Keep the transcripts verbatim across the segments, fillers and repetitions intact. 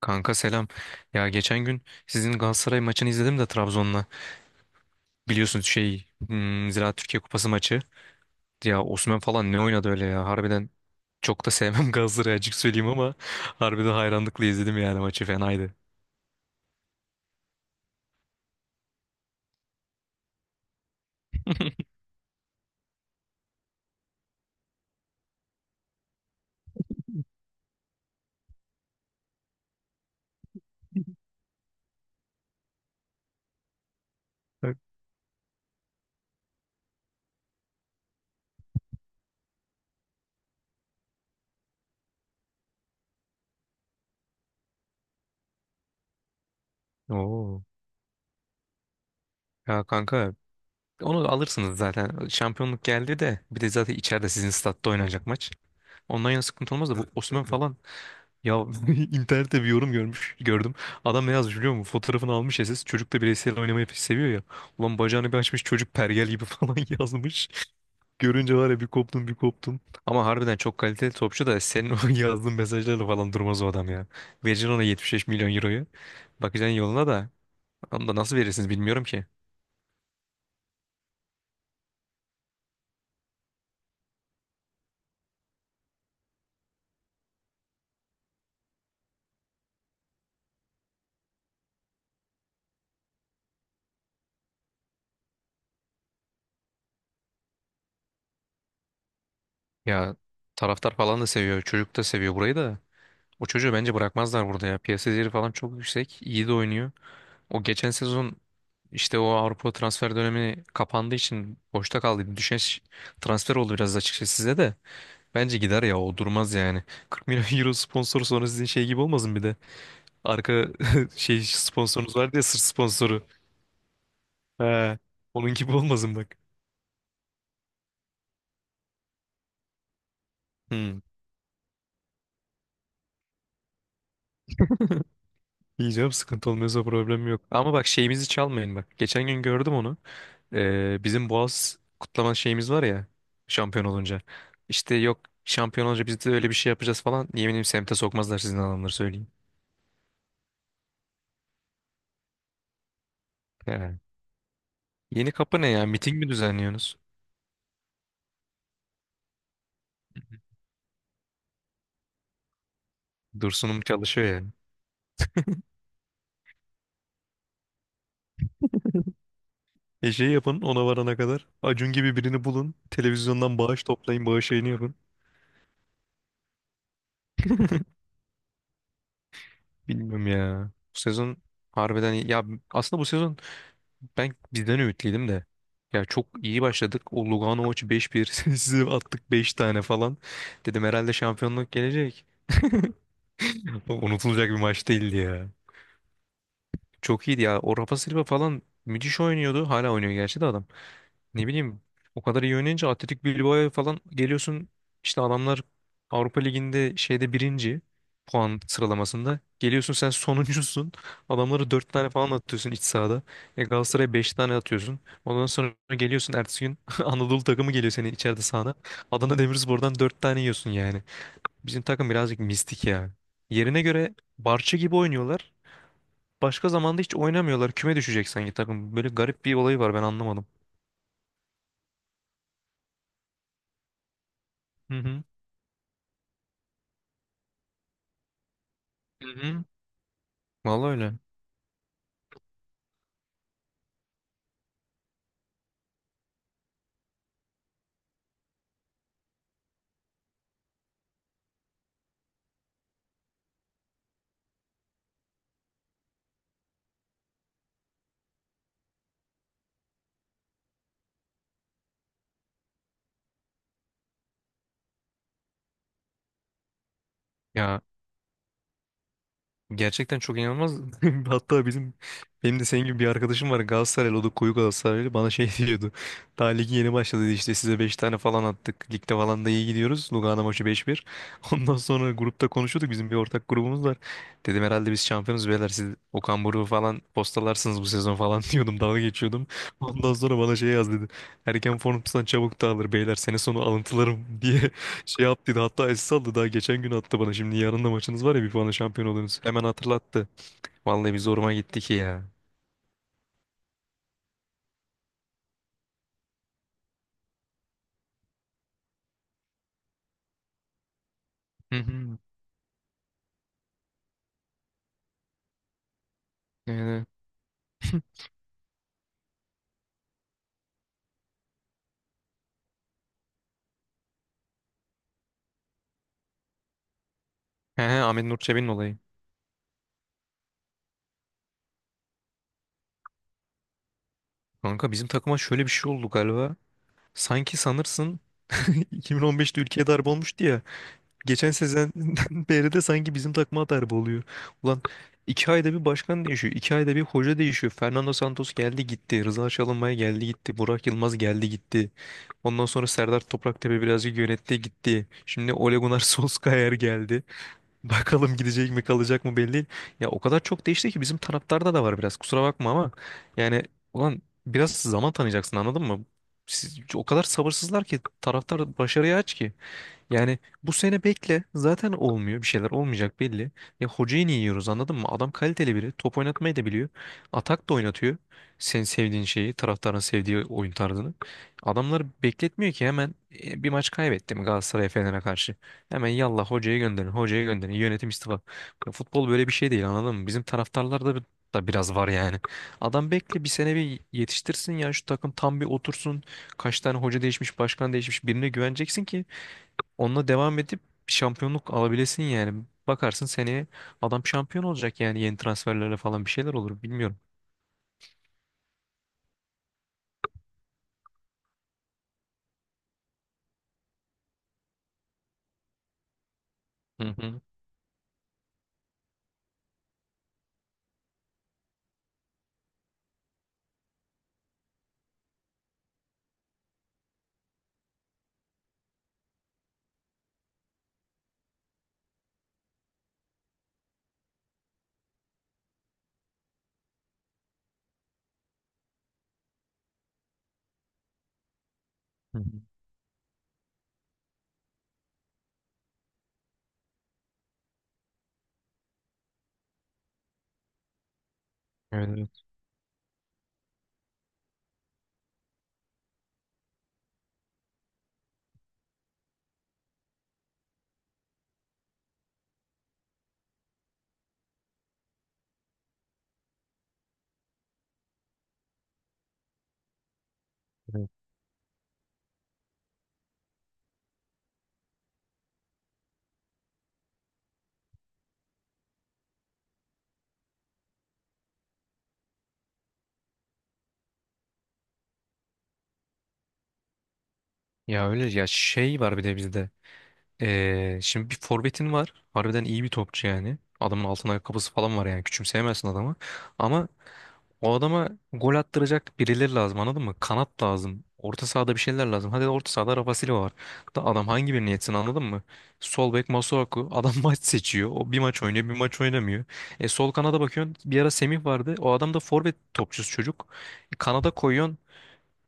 Kanka selam. Ya geçen gün sizin Galatasaray maçını izledim de Trabzon'la. Biliyorsunuz şey hmm, Ziraat Türkiye Kupası maçı. Ya Osimhen falan ne oynadı öyle ya. Harbiden çok da sevmem Galatasaray'ı açık söyleyeyim ama harbiden hayranlıkla izledim yani maçı fenaydı. Evet. Oo. Ya kanka onu alırsınız zaten. Şampiyonluk geldi de bir de zaten içeride sizin statta oynanacak maç. Ondan yana sıkıntı olmaz da bu Osimhen falan Ya internette bir yorum görmüş gördüm. Adam ne yazmış biliyor musun? Fotoğrafını almış S S. Çocuk da bireysel oynamayı pek seviyor ya. Ulan bacağını bir açmış çocuk pergel gibi falan yazmış. Görünce var ya bir koptum bir koptum. Ama harbiden çok kaliteli topçu da senin o yazdığın mesajlarla falan durmaz o adam ya. Vereceksin ona yetmiş beş milyon euroyu. Bakacaksın yoluna da. Onu da nasıl verirsiniz bilmiyorum ki. Ya taraftar falan da seviyor. Çocuk da seviyor burayı da. O çocuğu bence bırakmazlar burada ya. Piyasa değeri falan çok yüksek. İyi de oynuyor. O geçen sezon işte o Avrupa transfer dönemi kapandığı için boşta kaldı. Bir düşen transfer oldu biraz açıkçası size de. Bence gider ya o durmaz yani. kırk milyon euro sponsor sonra sizin şey gibi olmasın bir de. Arka şey sponsorunuz var diye sırt sponsoru. He. Onun gibi olmasın bak. Hmm. Yiyeceğim sıkıntı olmuyorsa problem yok. Ama bak şeyimizi çalmayın bak. Geçen gün gördüm onu. Ee, bizim Boğaz kutlama şeyimiz var ya şampiyon olunca. İşte yok şampiyon olunca biz de öyle bir şey yapacağız falan. Yeminim semte sokmazlar sizin adamları söyleyeyim. Ya. Yeni kapı ne ya? Miting mi düzenliyorsunuz? Dursun'um çalışıyor yani. E şey yapın ona varana kadar. Acun gibi birini bulun. Televizyondan bağış toplayın. Bağış yayını yapın. Bilmiyorum ya. Bu sezon harbiden iyi. Ya aslında bu sezon Ben bizden ümitliydim de. Ya çok iyi başladık. O Lugano maçı beş bir. Size attık beş tane falan. Dedim herhalde şampiyonluk gelecek. Unutulacak bir maç değildi ya. Çok iyiydi ya. O Rafa Silva falan müthiş oynuyordu. Hala oynuyor gerçi de adam. Ne bileyim o kadar iyi oynayınca Atletik Bilbao'ya falan geliyorsun işte adamlar Avrupa Ligi'nde şeyde birinci puan sıralamasında geliyorsun sen sonuncusun adamları dört tane falan atıyorsun iç sahada e Galatasaray'a beş tane atıyorsun ondan sonra geliyorsun ertesi gün Anadolu takımı geliyor senin içeride sahada Adana Demirspor'dan dört tane yiyorsun yani bizim takım birazcık mistik ya yerine göre Barça gibi oynuyorlar başka zamanda hiç oynamıyorlar küme düşecek sanki takım böyle garip bir olayı var ben anlamadım. Hı hı. Hı hı. Vallahi öyle. Ya gerçekten çok inanılmaz. Hatta bizim benim de senin gibi bir arkadaşım var Galatasaraylı o da koyu Galatasaraylı bana şey diyordu. Daha ligi yeni başladı dedi, işte size beş tane falan attık. Ligde falan da iyi gidiyoruz. Lugano maçı beş bir. Ondan sonra grupta konuşuyorduk bizim bir ortak grubumuz var. Dedim herhalde biz şampiyonuz beyler siz Okan Buruk'u falan postalarsınız bu sezon falan diyordum dalga geçiyordum. Ondan sonra bana şey yaz dedi. Erken formdan çabuk dağılır beyler sene sonu alıntılarım diye Şey yaptıydı hatta S S aldı daha geçen gün attı bana. Şimdi yarın da maçınız var ya bir puanla şampiyon olursunuz. Hemen hatırlattı. Vallahi bir zoruma gitti ki ya. Hı hı. Yani, he he Ahmet Nur Çebi'nin olayı. Kanka bizim takıma şöyle bir şey oldu galiba. Sanki sanırsın iki bin on beşte ülkeye darbe olmuştu ya. Geçen sezenden beri de sanki bizim takıma darbe oluyor. Ulan iki ayda bir başkan değişiyor. İki ayda bir hoca değişiyor. Fernando Santos geldi gitti. Rıza Çalınbay geldi gitti. Burak Yılmaz geldi gitti. Ondan sonra Serdar Topraktepe birazcık yönetti gitti. Şimdi Ole Gunnar Solskjaer geldi. Bakalım gidecek mi kalacak mı belli değil. Ya o kadar çok değişti ki bizim taraftarda da var biraz. Kusura bakma ama yani ulan biraz zaman tanıyacaksın anladın mı? Siz, o kadar sabırsızlar ki taraftar başarıya aç ki. Yani bu sene bekle. Zaten olmuyor. Bir şeyler olmayacak belli. Ya hocayı niye yiyoruz anladın mı? Adam kaliteli biri. Top oynatmayı da biliyor. Atak da oynatıyor. Senin sevdiğin şeyi, taraftarın sevdiği oyun tarzını. Adamları bekletmiyor ki hemen e, bir maç kaybetti mi Galatasaray Fener'e karşı. Hemen yallah hocayı gönderin, hocayı gönderin. Yönetim istifa. Ya futbol böyle bir şey değil anladın mı? Bizim taraftarlarda da da biraz var yani. Adam bekle bir sene bir yetiştirsin ya şu takım tam bir otursun. Kaç tane hoca değişmiş, başkan değişmiş birine güveneceksin ki Onunla devam edip bir şampiyonluk alabilesin yani. Bakarsın seneye adam şampiyon olacak yani yeni transferlerle falan bir şeyler olur bilmiyorum. Hı hı. Hı hı. Evet, evet, evet. Ya öyle ya şey var bir de bizde. Ee, şimdi bir forvetin var. Harbiden iyi bir topçu yani. Adamın altın ayakkabısı falan var yani. Küçümseyemezsin adamı. Ama O adama gol attıracak birileri lazım anladın mı? Kanat lazım. Orta sahada bir şeyler lazım. Hadi orta sahada Rafa Silva var. Da adam hangi birini yetsin anladın mı? Sol bek Masuaku. Adam maç seçiyor. O bir maç oynuyor bir maç oynamıyor. E sol kanada bakıyorsun. Bir ara Semih vardı. O adam da forvet topçusu çocuk. E, kanada koyuyorsun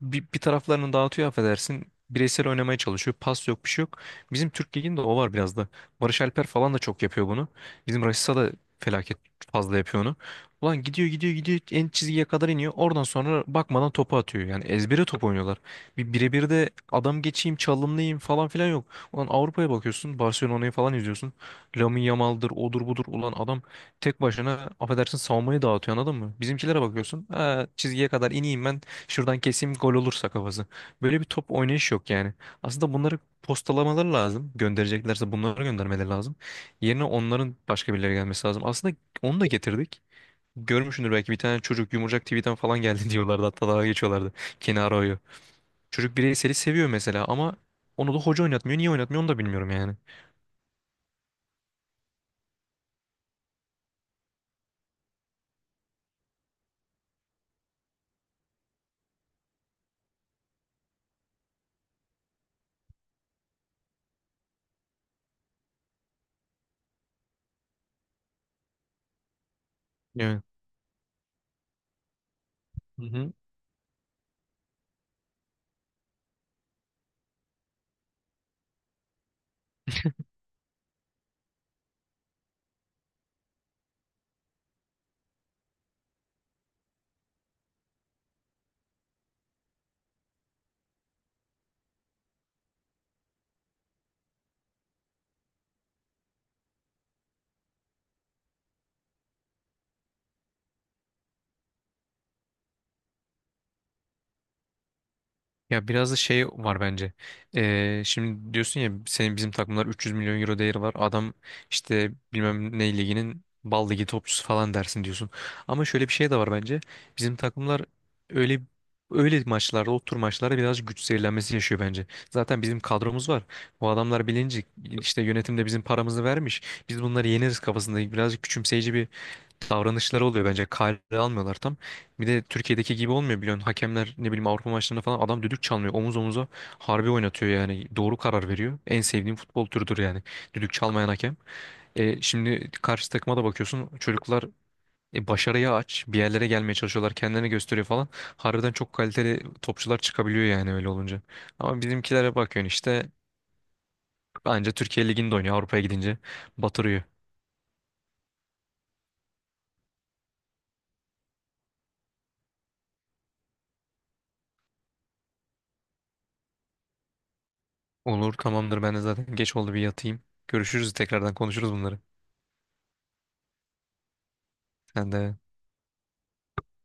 bir, bir taraflarını dağıtıyor affedersin. Bireysel oynamaya çalışıyor. Pas yok bir şey yok. Bizim Türk Ligi'nde o var biraz da. Barış Alper falan da çok yapıyor bunu. Bizim Rashica da felaket fazla yapıyor onu. Ulan gidiyor gidiyor gidiyor en çizgiye kadar iniyor. Oradan sonra bakmadan topu atıyor. Yani ezbere top oynuyorlar. Bir birebir de adam geçeyim çalımlayayım falan filan yok. Ulan Avrupa'ya bakıyorsun. Barcelona'yı falan izliyorsun. Lamine Yamal'dır odur budur. Ulan adam tek başına affedersin savunmayı dağıtıyor anladın mı? Bizimkilere bakıyorsun. Ha, çizgiye kadar ineyim ben Şuradan keseyim gol olursa kafası. Böyle bir top oynayış yok yani. Aslında bunları postalamaları lazım. Göndereceklerse bunları göndermeleri lazım. Yerine onların başka birileri gelmesi lazım. Aslında onu da getirdik. Görmüşsündür belki bir tane çocuk Yumurcak T V'den falan geldi diyorlardı. Hatta daha geçiyorlardı. Kenaro'yu. Çocuk bireyseli seviyor mesela ama onu da hoca oynatmıyor. Niye oynatmıyor onu da bilmiyorum yani. Evet. Hı hı. Ya biraz da şey var bence. Ee, şimdi diyorsun ya senin bizim takımlar üç yüz milyon euro değeri var. Adam işte bilmem ne liginin bal ligi topçusu falan dersin diyorsun. Ama şöyle bir şey de var bence. Bizim takımlar öyle öyle maçlarda, o tür maçlarda biraz güç zehirlenmesi yaşıyor bence. Zaten bizim kadromuz var. Bu adamlar bilinci işte yönetimde bizim paramızı vermiş. Biz bunları yeneriz kafasında birazcık küçümseyici bir davranışları oluyor bence. Kale almıyorlar tam. Bir de Türkiye'deki gibi olmuyor biliyorsun. Hakemler ne bileyim Avrupa maçlarında falan adam düdük çalmıyor. Omuz omuza harbi oynatıyor yani. Doğru karar veriyor. En sevdiğim futbol türüdür yani. Düdük çalmayan hakem. E, şimdi karşı takıma da bakıyorsun. Çocuklar e, başarıya aç. Bir yerlere gelmeye çalışıyorlar. Kendilerini gösteriyor falan. Harbiden çok kaliteli topçular çıkabiliyor yani öyle olunca. Ama bizimkilere bakıyorsun işte. Anca Türkiye Ligi'nde oynuyor. Avrupa'ya gidince batırıyor. Olur tamamdır ben de zaten geç oldu bir yatayım. Görüşürüz tekrardan konuşuruz bunları. Sen de